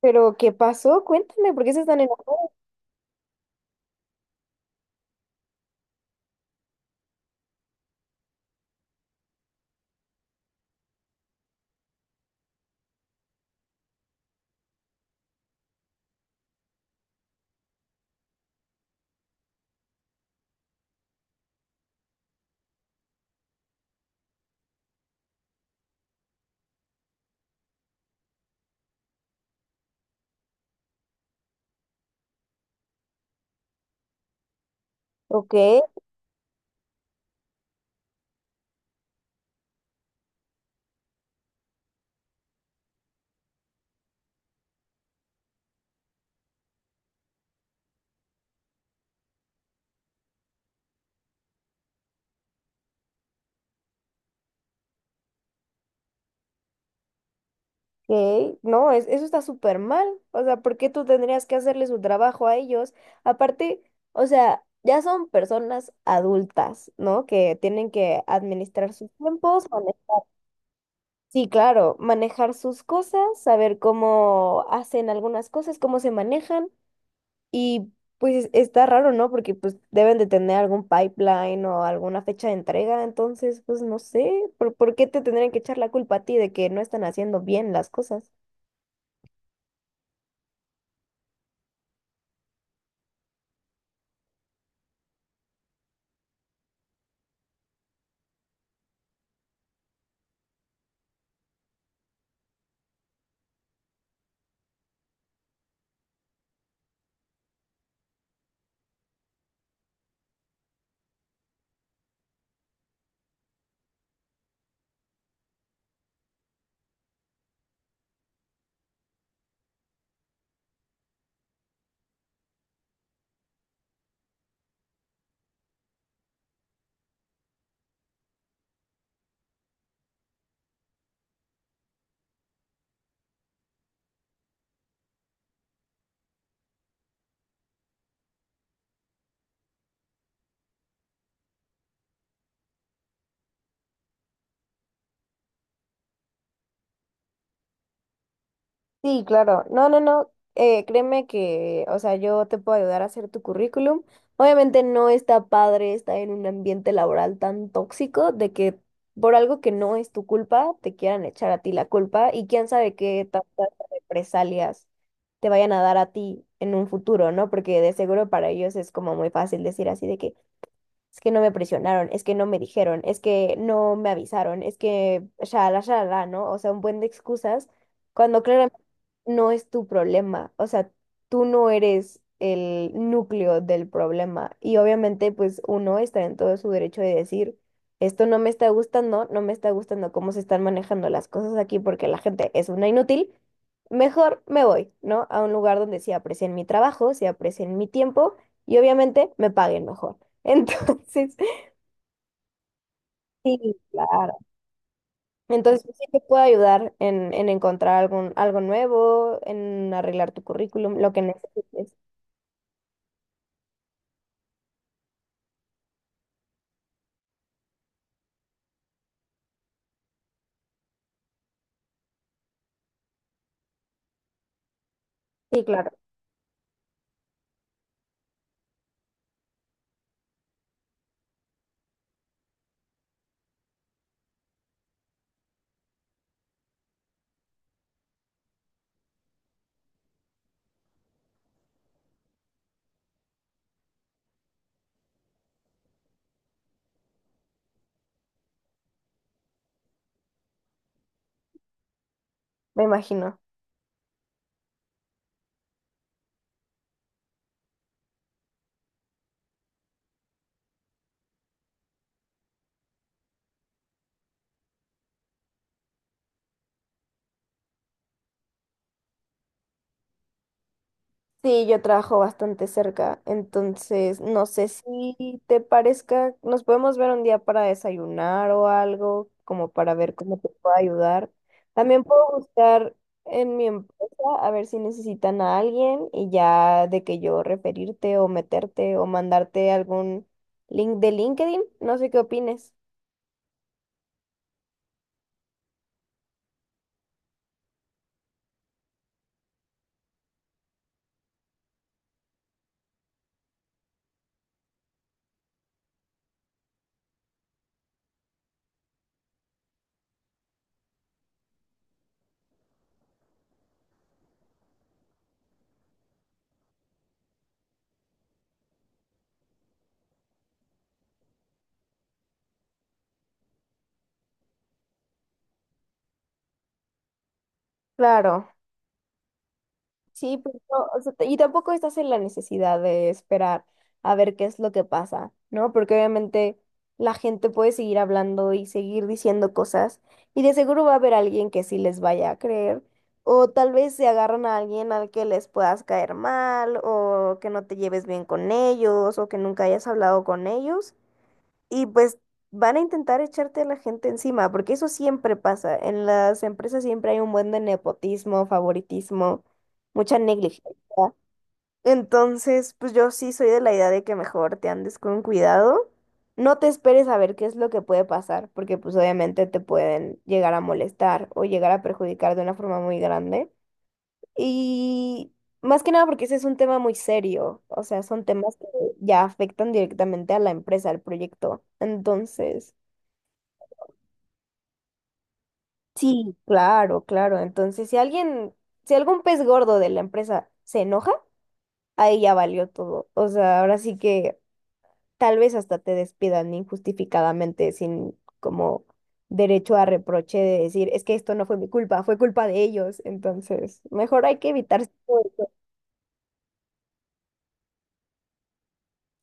Pero, ¿qué pasó? Cuéntame, ¿por qué se están enojando? Ok, ok. No, es, eso está súper mal. O sea, ¿por qué tú tendrías que hacerle su trabajo a ellos? Aparte, o sea, ya son personas adultas, ¿no? Que tienen que administrar sus tiempos, sí, claro, manejar sus cosas, saber cómo hacen algunas cosas, cómo se manejan. Y pues está raro, ¿no? Porque pues deben de tener algún pipeline o alguna fecha de entrega, entonces pues no sé, ¿por qué te tendrían que echar la culpa a ti de que no están haciendo bien las cosas? Sí, claro. No, no, no. Créeme que, o sea, yo te puedo ayudar a hacer tu currículum. Obviamente no está padre estar en un ambiente laboral tan tóxico de que por algo que no es tu culpa te quieran echar a ti la culpa y quién sabe qué tantas represalias te vayan a dar a ti en un futuro, ¿no? Porque de seguro para ellos es como muy fácil decir así de que, es que no me presionaron, es que no me dijeron, es que no me avisaron, es que shalala, shalala, ¿no? O sea, un buen de excusas, cuando claramente no es tu problema, o sea, tú no eres el núcleo del problema y obviamente pues uno está en todo su derecho de decir, esto no me está gustando, no me está gustando cómo se están manejando las cosas aquí porque la gente es una inútil. Mejor me voy, ¿no? A un lugar donde sí aprecien mi trabajo, sí aprecien mi tiempo y obviamente me paguen mejor. Entonces, sí, claro. Entonces, yo sí te puedo ayudar en encontrar algún, algo nuevo, en arreglar tu currículum, lo que necesites. Sí, claro, me imagino. Sí, yo trabajo bastante cerca, entonces no sé si te parezca, nos podemos ver un día para desayunar o algo, como para ver cómo te puedo ayudar. También puedo buscar en mi empresa a ver si necesitan a alguien y ya de que yo referirte o meterte o mandarte algún link de LinkedIn, no sé qué opines. Claro. Sí, pero, no, o sea, y tampoco estás en la necesidad de esperar a ver qué es lo que pasa, ¿no? Porque obviamente la gente puede seguir hablando y seguir diciendo cosas y de seguro va a haber alguien que sí les vaya a creer o tal vez se agarran a alguien al que les puedas caer mal o que no te lleves bien con ellos o que nunca hayas hablado con ellos y pues van a intentar echarte a la gente encima, porque eso siempre pasa. En las empresas siempre hay un buen de nepotismo, favoritismo, mucha negligencia. Entonces, pues yo sí soy de la idea de que mejor te andes con cuidado. No te esperes a ver qué es lo que puede pasar, porque pues obviamente te pueden llegar a molestar o llegar a perjudicar de una forma muy grande. Y más que nada porque ese es un tema muy serio, o sea, son temas que ya afectan directamente a la empresa, al proyecto. Entonces, sí, claro, claro. Entonces, si alguien, si algún pez gordo de la empresa se enoja, ahí ya valió todo. O sea, ahora sí que tal vez hasta te despidan injustificadamente sin como derecho a reproche de decir, es que esto no fue mi culpa, fue culpa de ellos. Entonces, mejor hay que evitar todo eso.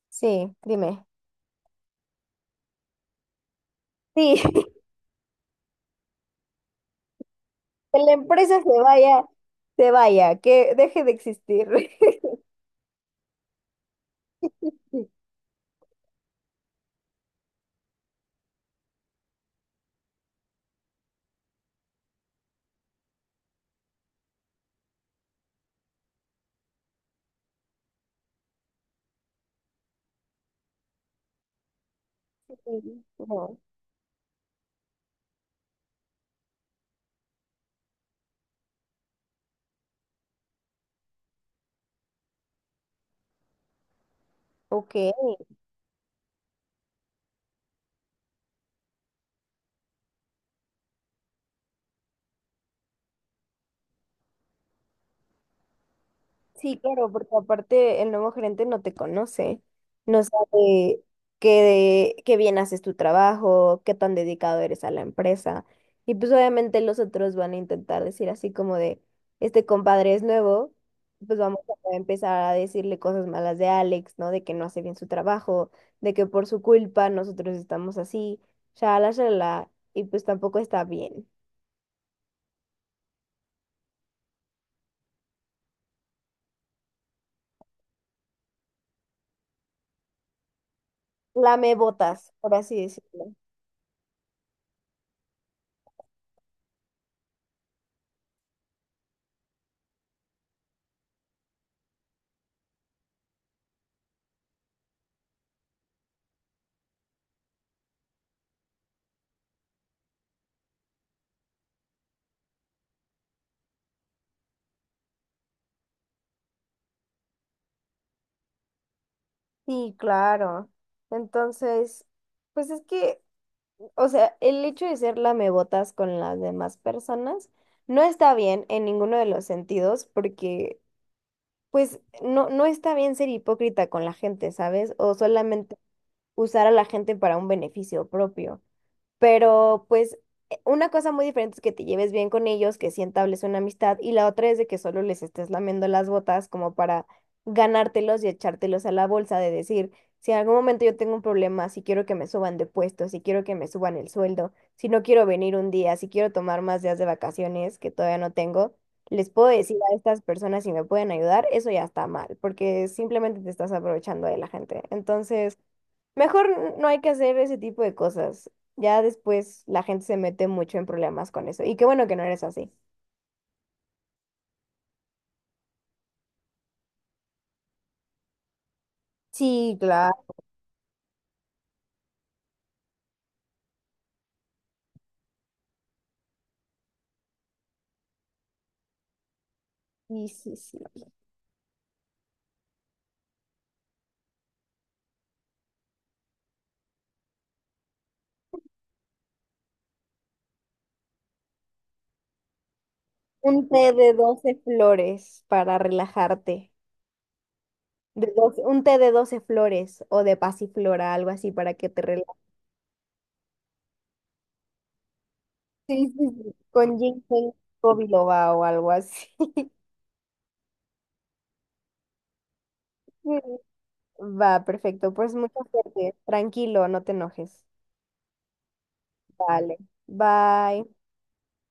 Sí, dime. Sí, que la empresa se vaya, que deje de existir. No, ok. Sí, claro, porque aparte el nuevo gerente no te conoce, no sabe qué bien haces tu trabajo, qué tan dedicado eres a la empresa. Y pues obviamente los otros van a intentar decir así como de, este compadre es nuevo, pues vamos a empezar a decirle cosas malas de Alex, ¿no? De que no hace bien su trabajo, de que por su culpa nosotros estamos así, shalala, shalala, y pues tampoco está bien. Lame botas, por así decirlo. Sí, claro. Entonces, pues es que, o sea, el hecho de ser lamebotas con las demás personas no está bien en ninguno de los sentidos porque, pues, no, no está bien ser hipócrita con la gente, ¿sabes? O solamente usar a la gente para un beneficio propio. Pero pues una cosa muy diferente es que te lleves bien con ellos, que sí entables una amistad, y la otra es de que solo les estés lamiendo las botas como para ganártelos y echártelos a la bolsa de decir, si en algún momento yo tengo un problema, si quiero que me suban de puesto, si quiero que me suban el sueldo, si no quiero venir un día, si quiero tomar más días de vacaciones que todavía no tengo, les puedo decir a estas personas si me pueden ayudar, eso ya está mal, porque simplemente te estás aprovechando de la gente. Entonces... mejor no hay que hacer ese tipo de cosas. Ya después la gente se mete mucho en problemas con eso. Y qué bueno que no eres así. Sí, claro. Sí, sí, sí. Un té de 12 flores para relajarte. De 12 un té de 12 flores o de pasiflora, algo así para que te relajes. Sí, sí, sí. Con ginseng o biloba o algo así. Sí. Va, perfecto. Pues mucha suerte. Tranquilo, no te enojes. Vale. Bye.